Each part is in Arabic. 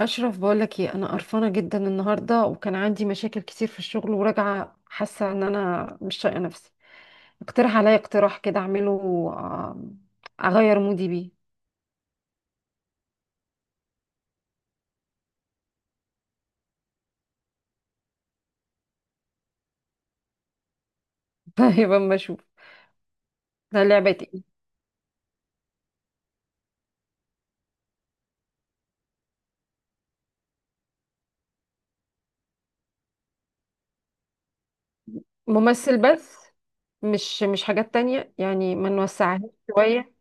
أشرف، بقولك ايه، أنا قرفانة جدا النهاردة، وكان عندي مشاكل كتير في الشغل، وراجعة حاسة إن أنا مش طايقة نفسي. اقترح عليا اقتراح كده أعمله، آم، أغير مودي بيه. طيب، أما أشوف ده لعبة ايه. ممثل بس؟ مش حاجات تانية يعني، ما نوسعهاش شوية.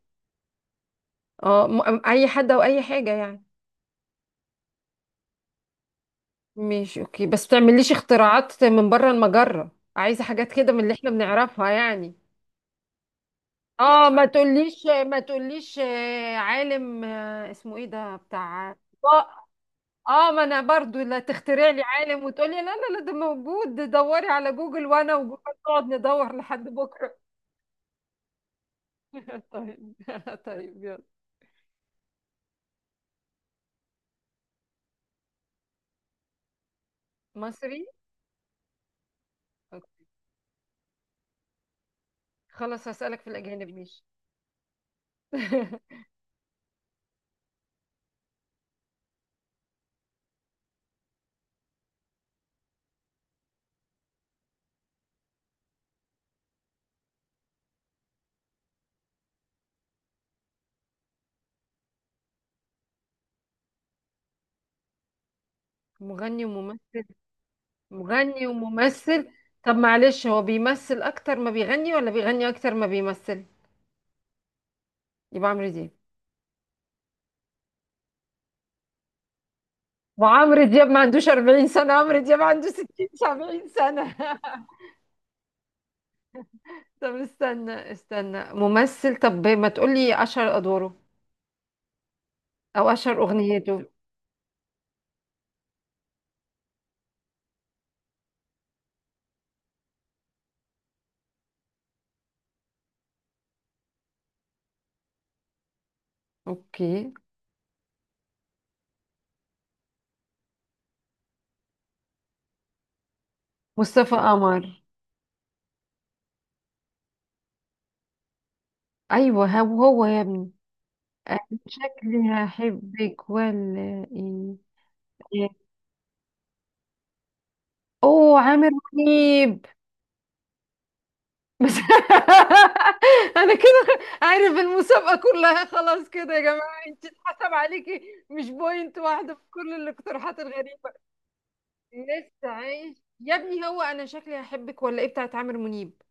اه، أي حد أو أي حاجة يعني. ماشي، أوكي، بس متعمليش اختراعات من بره المجرة، عايزة حاجات كده من اللي احنا بنعرفها يعني. اه، ما تقوليش عالم، اسمه ايه ده بتاع؟ اه، ما انا برضو، لا تخترع لي عالم وتقولي لا لا لا ده موجود، دوري على جوجل، وانا وجوجل نقعد ندور لحد بكره. طيب. طيب يلا. مصري؟ أوكي. خلاص، هسألك في الاجانب ماشي. مغني وممثل. مغني وممثل؟ طب معلش، هو بيمثل اكتر ما بيغني ولا بيغني اكتر ما بيمثل؟ يبقى عمرو دياب. وعمرو دياب ما عندوش 40 سنة، عمرو دياب عنده 60، 70 سنة. طب استنى استنى، ممثل، طب ما تقولي أشهر أدواره، أو أشهر أغنيته. أوكي. مصطفى قمر. أيوه هو، هو يا ابني. أنا شكلي هحبك ولا إيه. إيه. أوه، عامر منيب. بس. أنا كده عارف المسابقة كلها، خلاص كده يا جماعة، أنت اتحسب عليكي مش بوينت واحدة في كل الاقتراحات الغريبة. لسه عايش يا ابني، هو انا شكلي هحبك ولا ايه بتاعت عامر منيب.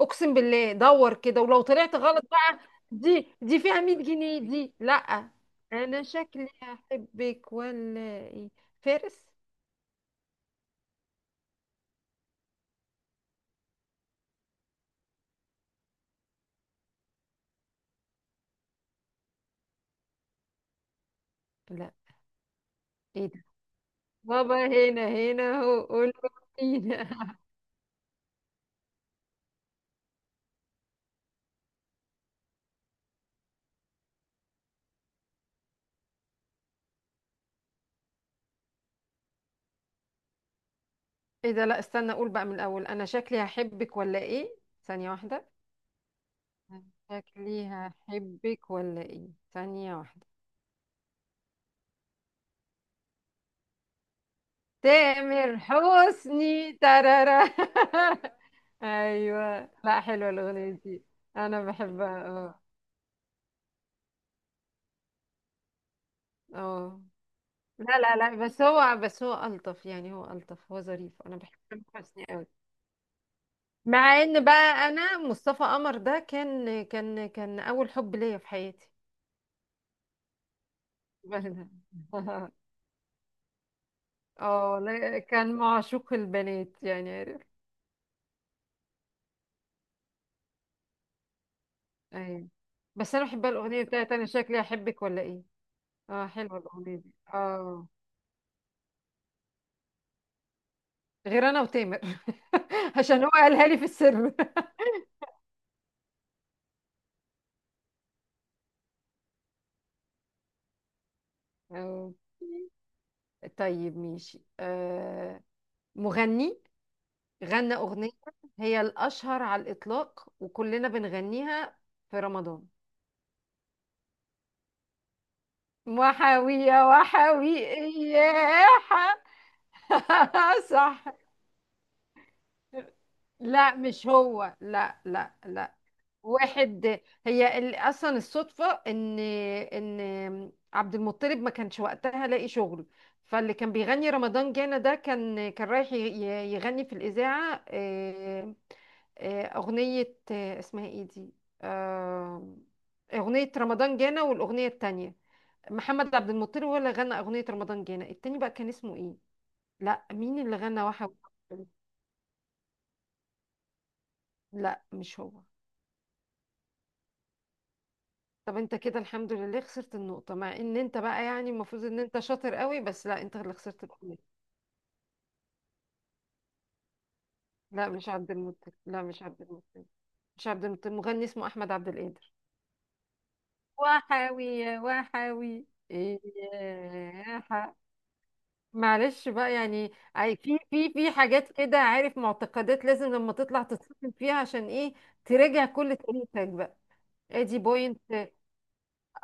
اقسم بالله دور كده، ولو طلعت غلط بقى، دي دي فيها 100 جنيه دي، لا. انا شكلي هحبك ولا ايه. فارس. لا. ايه ده؟ بابا هنا هنا هو قول. هنا. ايه ده؟ لا استنى، اقول بقى من الاول، انا شكلي هحبك ولا ايه؟ ثانية واحدة. شكلي هحبك ولا ايه؟ ثانية واحدة. تامر حسني، ترارا. ايوه. لا، حلوه الاغنيه دي. انا بحبها، اه. اه، لا لا لا، بس هو، بس هو الطف يعني، هو الطف، هو ظريف، انا بحب تامر حسني قوي. مع ان بقى، انا مصطفى قمر ده كان اول حب ليا في حياتي. اه لا، كان معشوق البنات يعني، عارف. ايوه، بس انا بحبها الاغنيه بتاعت انا شكلي احبك ولا ايه. اه حلوه الاغنيه دي، اه. غير انا وتامر. عشان هو قالها لي في السر. أو- طيب ماشي. آه. مغني غنى اغنيه هي الاشهر على الاطلاق وكلنا بنغنيها في رمضان، وحاويه وحاويه. صح. لا مش هو، لا لا لا. واحد، هي اصلا الصدفه ان ان عبد المطلب ما كانش وقتها لاقي شغل، فاللي كان بيغني رمضان جانا ده كان رايح يغني في الاذاعه. اغنيه، اسمها ايه دي. آه، اغنيه رمضان جانا، والاغنيه التانية محمد عبد المطلب هو اللي غنى. اغنيه رمضان جانا التاني بقى كان اسمه ايه؟ لا، مين اللي غنى؟ واحد. لا مش هو. طب انت كده الحمد لله خسرت النقطة، مع ان انت بقى يعني المفروض ان انت شاطر قوي، بس لا، انت اللي خسرت النقطة. لا مش عبد المطلب، لا مش عبد المطلب. مش عبد المطلب، مغني اسمه احمد عبد القادر. وحاوي يا وحاوي. ايه يا معلش بقى يعني. اي، في حاجات كده، عارف، معتقدات لازم لما تطلع تتصفن فيها، عشان ايه؟ تراجع كل تاريخك بقى. ادي بوينت.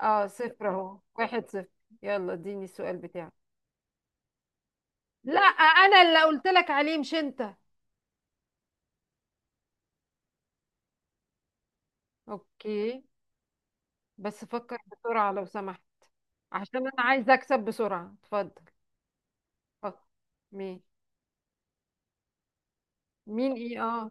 اه، صفر اهو، واحد صفر. يلا اديني السؤال بتاعك. لا انا اللي قلت لك عليه، مش انت. اوكي، بس فكر بسرعة لو سمحت. عشان انا عايزه اكسب بسرعة، اتفضل. فكر. مين؟ مين ايه؟ اه.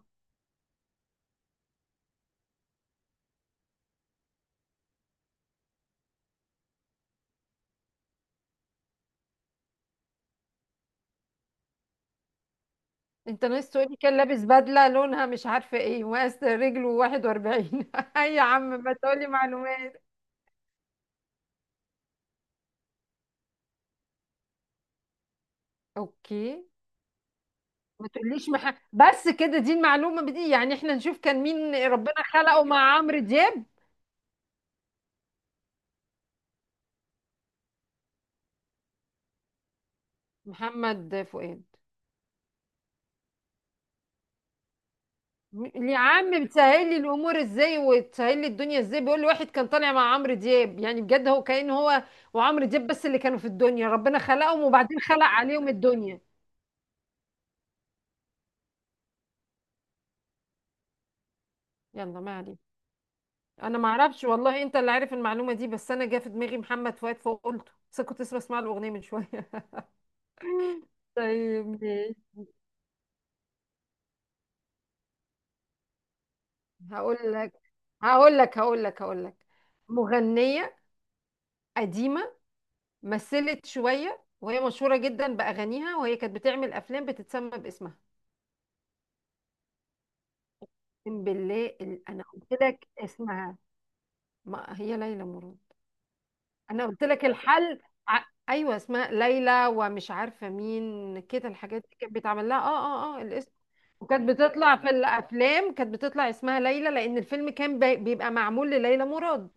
انت ناس تقولي كان لابس بدلة لونها مش عارفة ايه وقاس رجله 41. اي يا عم ما تقولي معلومات. اوكي، ما تقوليش مح... بس كده، دي المعلومة دي يعني، احنا نشوف كان مين ربنا خلقه مع عمرو دياب. محمد فؤاد. يا عم بتسهل لي الامور ازاي وتسهل لي الدنيا ازاي، بيقول لي واحد كان طالع مع عمرو دياب يعني، بجد هو كأن هو وعمرو دياب بس اللي كانوا في الدنيا، ربنا خلقهم وبعدين خلق عليهم الدنيا. يلا ما علينا. انا ما اعرفش والله، انت اللي عارف المعلومه دي، بس انا جه في دماغي محمد فؤاد فقلته، بس كنت لسه بسمع له اغنيه من شويه. طيب ماشي. هقول لك هقول لك هقول لك هقول لك. مغنيه قديمه، مثلت شويه، وهي مشهوره جدا باغانيها، وهي كانت بتعمل افلام بتتسمى باسمها. اقسم بالله انا قلت لك اسمها. ما هي ليلى مراد، انا قلت لك الحل. ايوه، اسمها ليلى، ومش عارفه مين كده، الحاجات دي كانت بيتعمل لها، اه. اه، اه، الاسم. وكانت بتطلع في الافلام، كانت بتطلع اسمها ليلى، لان الفيلم كان بيبقى معمول لليلى مراد،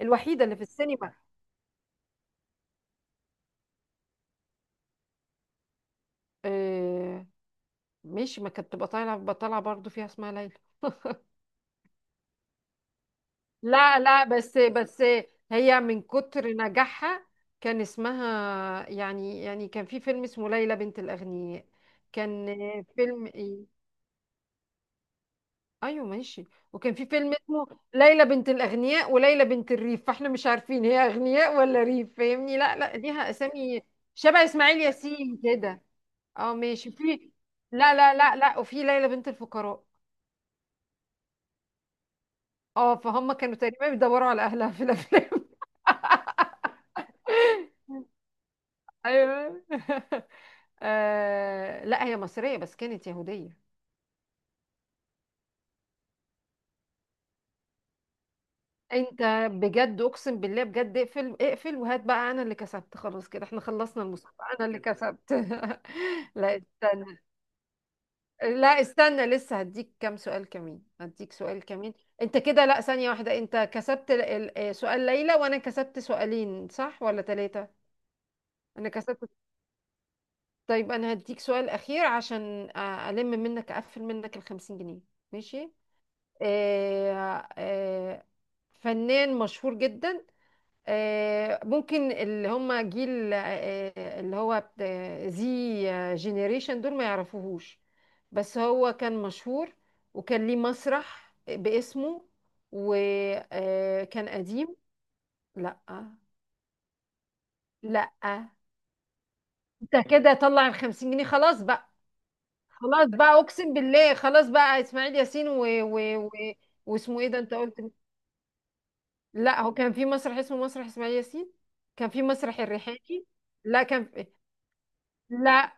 الوحيده اللي في السينما. آه، مش ما كانت بتبقى طالعه، بتطلع برضو فيها اسمها ليلى. لا لا، بس بس هي من كتر نجاحها كان اسمها، يعني كان في فيلم اسمه ليلى بنت الأغنياء. كان فيلم ايه؟ ايوه ماشي. وكان في فيلم اسمه ليلى بنت الأغنياء، وليلى بنت الريف، فاحنا مش عارفين هي أغنياء ولا ريف؟ فاهمني؟ لا لا، ليها أسامي شبه إسماعيل ياسين كده. اه ماشي في، لا لا لا لا، وفي ليلى بنت الفقراء. اه، فهم كانوا تقريبا بيدوروا على أهلها في الأفلام. ايوه. آه لا، هي مصرية بس كانت يهودية. انت بجد، اقسم بالله بجد، اقفل اقفل، وهات بقى، انا اللي كسبت، خلاص كده احنا خلصنا المسابقة، انا اللي كسبت. لا استنى، لا استنى، لسه هديك كام سؤال كمان، هديك سؤال كمان. انت كده لا، ثانية واحدة، انت كسبت سؤال ليلى، وانا كسبت سؤالين، صح ولا ثلاثة؟ انا كسبت. طيب، انا هديك سؤال اخير، عشان الم منك، اقفل منك الخمسين جنيه. ماشي. آه، آه، فنان مشهور جدا، ممكن اللي هم جيل اللي هو زي جينيريشن دول ما يعرفوهوش، بس هو كان مشهور، وكان ليه مسرح باسمه، وكان قديم. لا. لا. انت كده طلع الخمسين جنيه خلاص بقى. خلاص بقى اقسم بالله، خلاص بقى، اسماعيل ياسين واسمه ايه ده انت قلت؟ لا هو كان في مسرح اسمه مسرح اسماعيل ياسين، كان في مسرح الريحاني، لا كان في... لا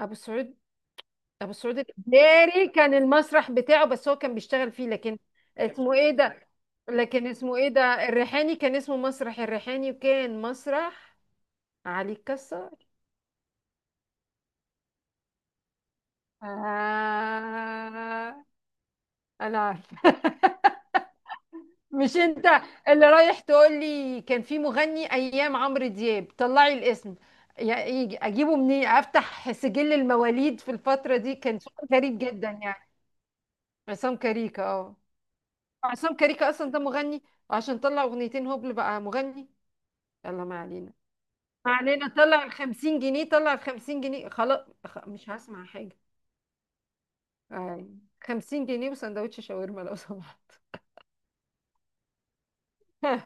ابو السعود، ابو السعود الابداري كان المسرح بتاعه، بس هو كان بيشتغل فيه، لكن اسمه ايه ده، لكن اسمه ايه ده؟ الريحاني كان اسمه مسرح الريحاني، وكان مسرح علي الكسار. آه. انا عارفة. مش انت اللي رايح تقول لي كان في مغني ايام عمرو دياب، طلعي الاسم، اجيبه منين، افتح سجل المواليد في الفتره دي، كان شغل غريب جدا يعني. عصام كاريكا، اه. عصام كاريكا اصلا ده مغني، وعشان طلع اغنيتين هبل بقى مغني. يلا ما علينا. ما علينا، طلع ال 50 جنيه، طلع ال 50 جنيه خلاص. مش هسمع حاجه. آه، 50 جنيه وسندوتش شاورما لو سمحت.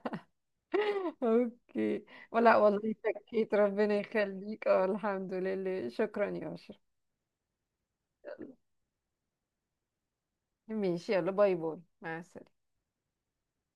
اوكي. ولا والله، شكيت ربنا يخليك، اه الحمد لله، شكرا يا اشرف. ماشي يلا، باي باي مع السلامة.